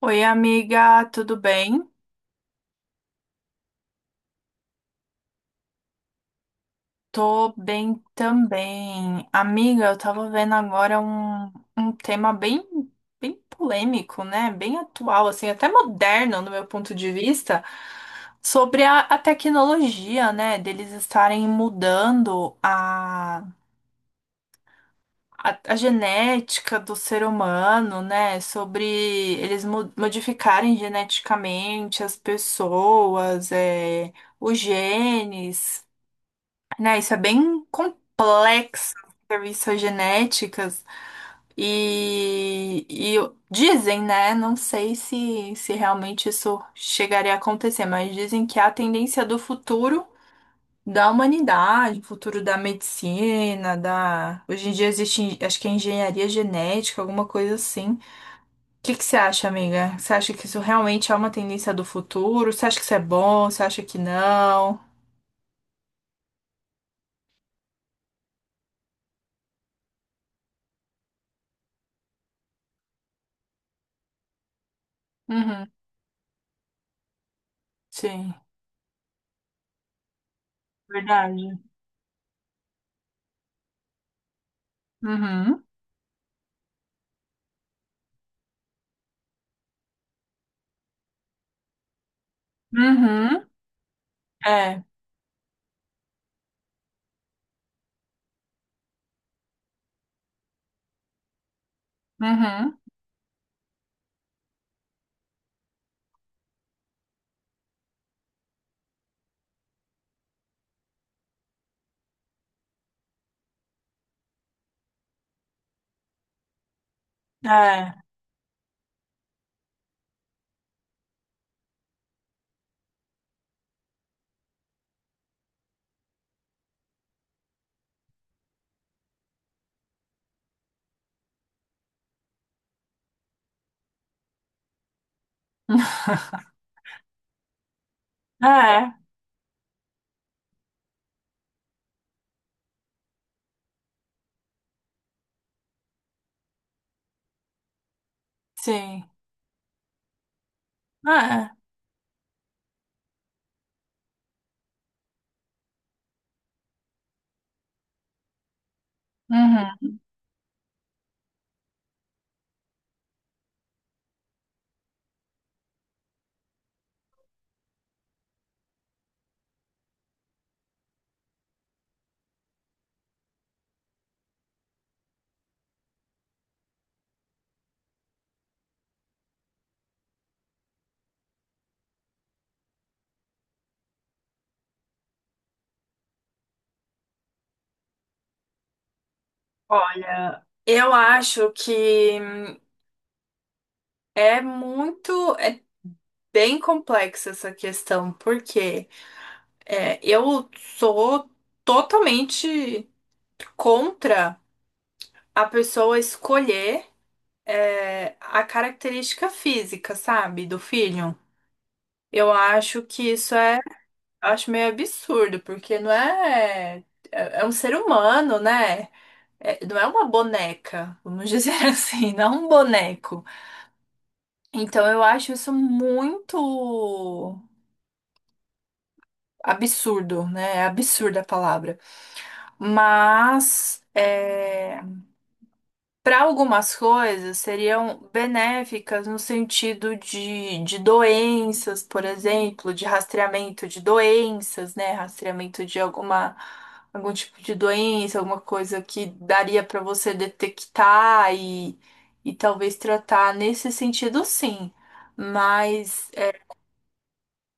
Oi, amiga, tudo bem? Tô bem também. Amiga, eu tava vendo agora um tema bem, bem polêmico, né? Bem atual, assim, até moderno no meu ponto de vista, sobre a tecnologia, né? Deles estarem mudando a genética do ser humano, né? Sobre eles modificarem geneticamente as pessoas, os genes. Né? Isso é bem complexo, serviços genéticas. E dizem, né? Não sei se realmente isso chegaria a acontecer, mas dizem que é a tendência do futuro da humanidade, futuro da medicina. Hoje em dia existe, acho que é engenharia genética, alguma coisa assim. O que que você acha, amiga? Você acha que isso realmente é uma tendência do futuro? Você acha que isso é bom? Você acha que não? Uhum, sim, verdade. Uhum. Uhum, é, uhum, é, é, sim, é, uhum. Olha, eu acho que é bem complexa essa questão, porque eu sou totalmente contra a pessoa escolher a característica física, sabe, do filho. Eu acho que isso é Eu acho meio absurdo, porque não é. É um ser humano, né? Não é uma boneca, vamos dizer assim, não é um boneco. Então eu acho isso muito absurdo, né? É absurda a palavra. Mas, para algumas coisas seriam benéficas no sentido de doenças, por exemplo, de rastreamento de doenças, né? Rastreamento de alguma, algum tipo de doença, alguma coisa que daria para você detectar e talvez tratar nesse sentido, sim. Mas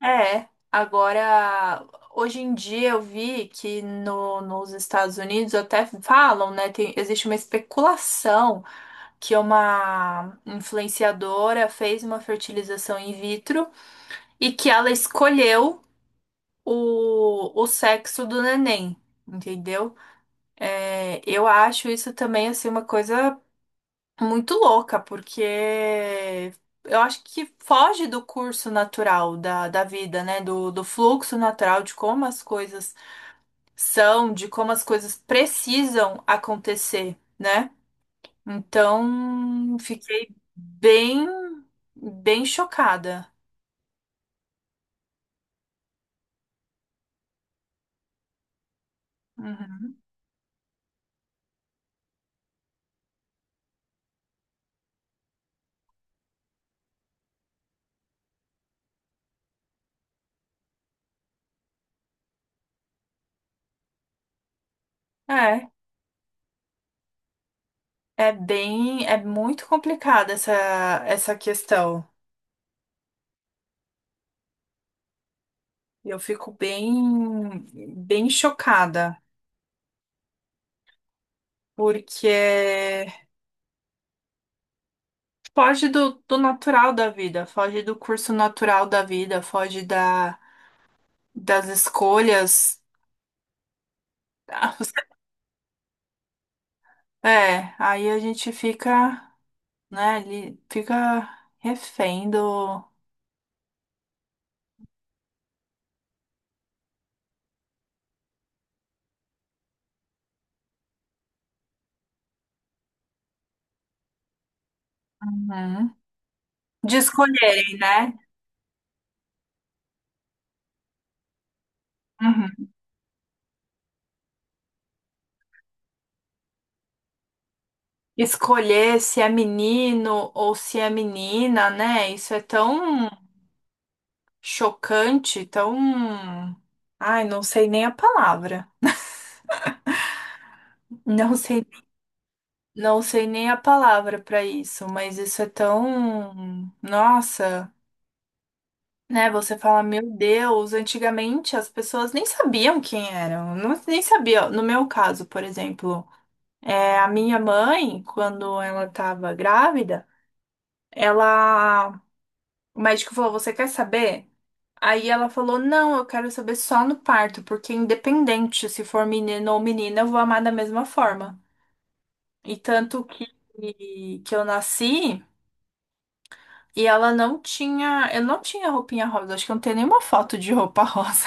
agora, hoje em dia eu vi que no, nos Estados Unidos até falam, né? Existe uma especulação que é uma influenciadora fez uma fertilização in vitro e que ela escolheu o sexo do neném, entendeu? É, eu acho isso também assim uma coisa muito louca, porque eu acho que foge do curso natural da vida, né? Do fluxo natural de como as coisas são, de como as coisas precisam acontecer. Né? Então, fiquei bem, bem chocada. Uhum. É, é muito complicada essa questão. Eu fico bem, bem chocada, porque foge do natural da vida, foge do curso natural da vida, foge das escolhas. É, aí a gente fica, né, ali, fica refém do. Uhum. De escolherem, né? Uhum. Escolher se é menino ou se é menina, né? Isso é tão chocante, tão. Ai, não sei nem a palavra. Não sei, não sei nem a palavra para isso, mas isso é tão. Nossa, né? Você fala, meu Deus, antigamente as pessoas nem sabiam quem eram, não, nem sabiam. No meu caso, por exemplo, a minha mãe, quando ela estava grávida, ela o médico falou: você quer saber? Aí ela falou: não, eu quero saber só no parto, porque independente se for menino ou menina, eu vou amar da mesma forma. E tanto que eu nasci. E ela não tinha, eu não tinha roupinha rosa, acho que eu não tenho nenhuma foto de roupa rosa,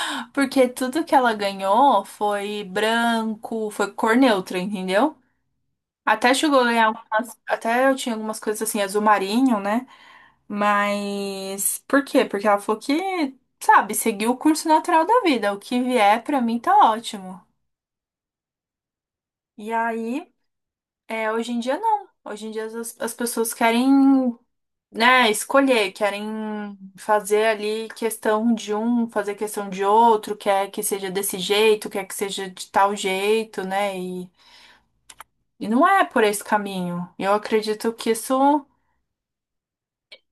porque tudo que ela ganhou foi branco, foi cor neutra, entendeu? Até chegou a ganhar algumas, até eu tinha algumas coisas assim, azul marinho, né? Mas por quê? Porque ela falou que, sabe, seguiu o curso natural da vida. O que vier pra mim tá ótimo. E aí, hoje em dia não. Hoje em dia as pessoas querem, né, escolher, querem fazer ali questão de um, fazer questão de outro, quer que seja desse jeito, quer que seja de tal jeito, né? E não é por esse caminho. Eu acredito que isso.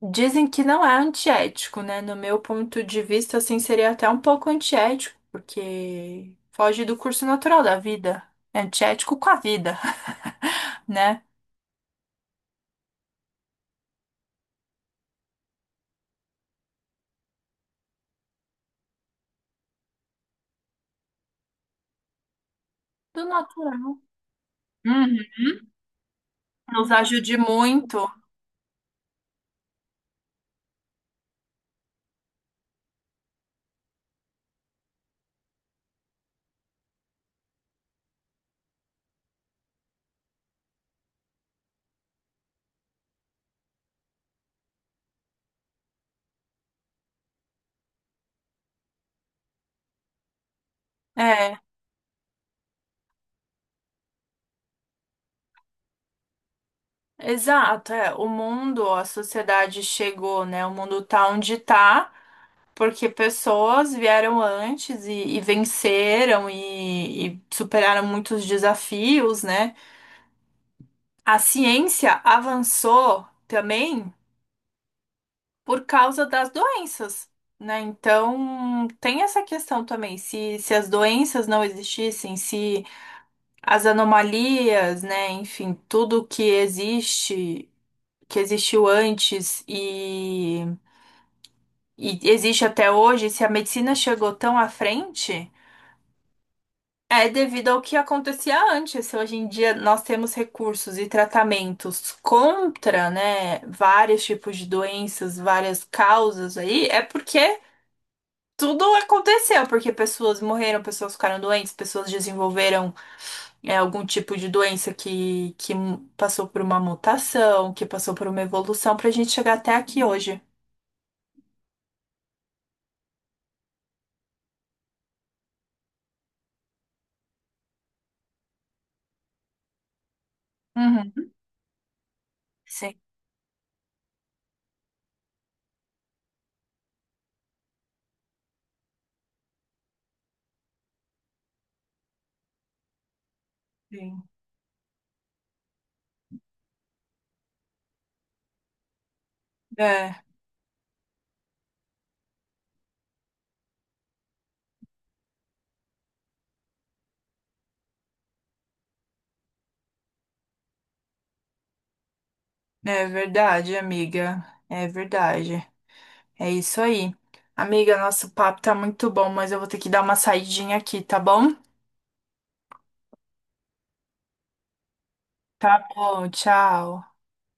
Dizem que não é antiético, né? No meu ponto de vista, assim, seria até um pouco antiético, porque foge do curso natural da vida. É antiético com a vida, né? Do natural. Uhum. Nos ajude muito. É, exato. É. O mundo, a sociedade chegou, né? O mundo tá onde tá, porque pessoas vieram antes e venceram e superaram muitos desafios, né? A ciência avançou também por causa das doenças, né? Então, tem essa questão também, se as doenças não existissem, se as anomalias, né, enfim, tudo que existe, que existiu antes e existe até hoje, se a medicina chegou tão à frente, é devido ao que acontecia antes. Se Hoje em dia nós temos recursos e tratamentos contra, né, vários tipos de doenças, várias causas aí, é porque tudo aconteceu, porque pessoas morreram, pessoas ficaram doentes, pessoas desenvolveram algum tipo de doença que passou por uma mutação, que passou por uma evolução, pra gente chegar até aqui hoje. Uhum. Sim. Sim. É, é verdade, amiga. É verdade. É isso aí. Amiga, nosso papo tá muito bom, mas eu vou ter que dar uma saidinha aqui, tá bom? Tá bom, tchau.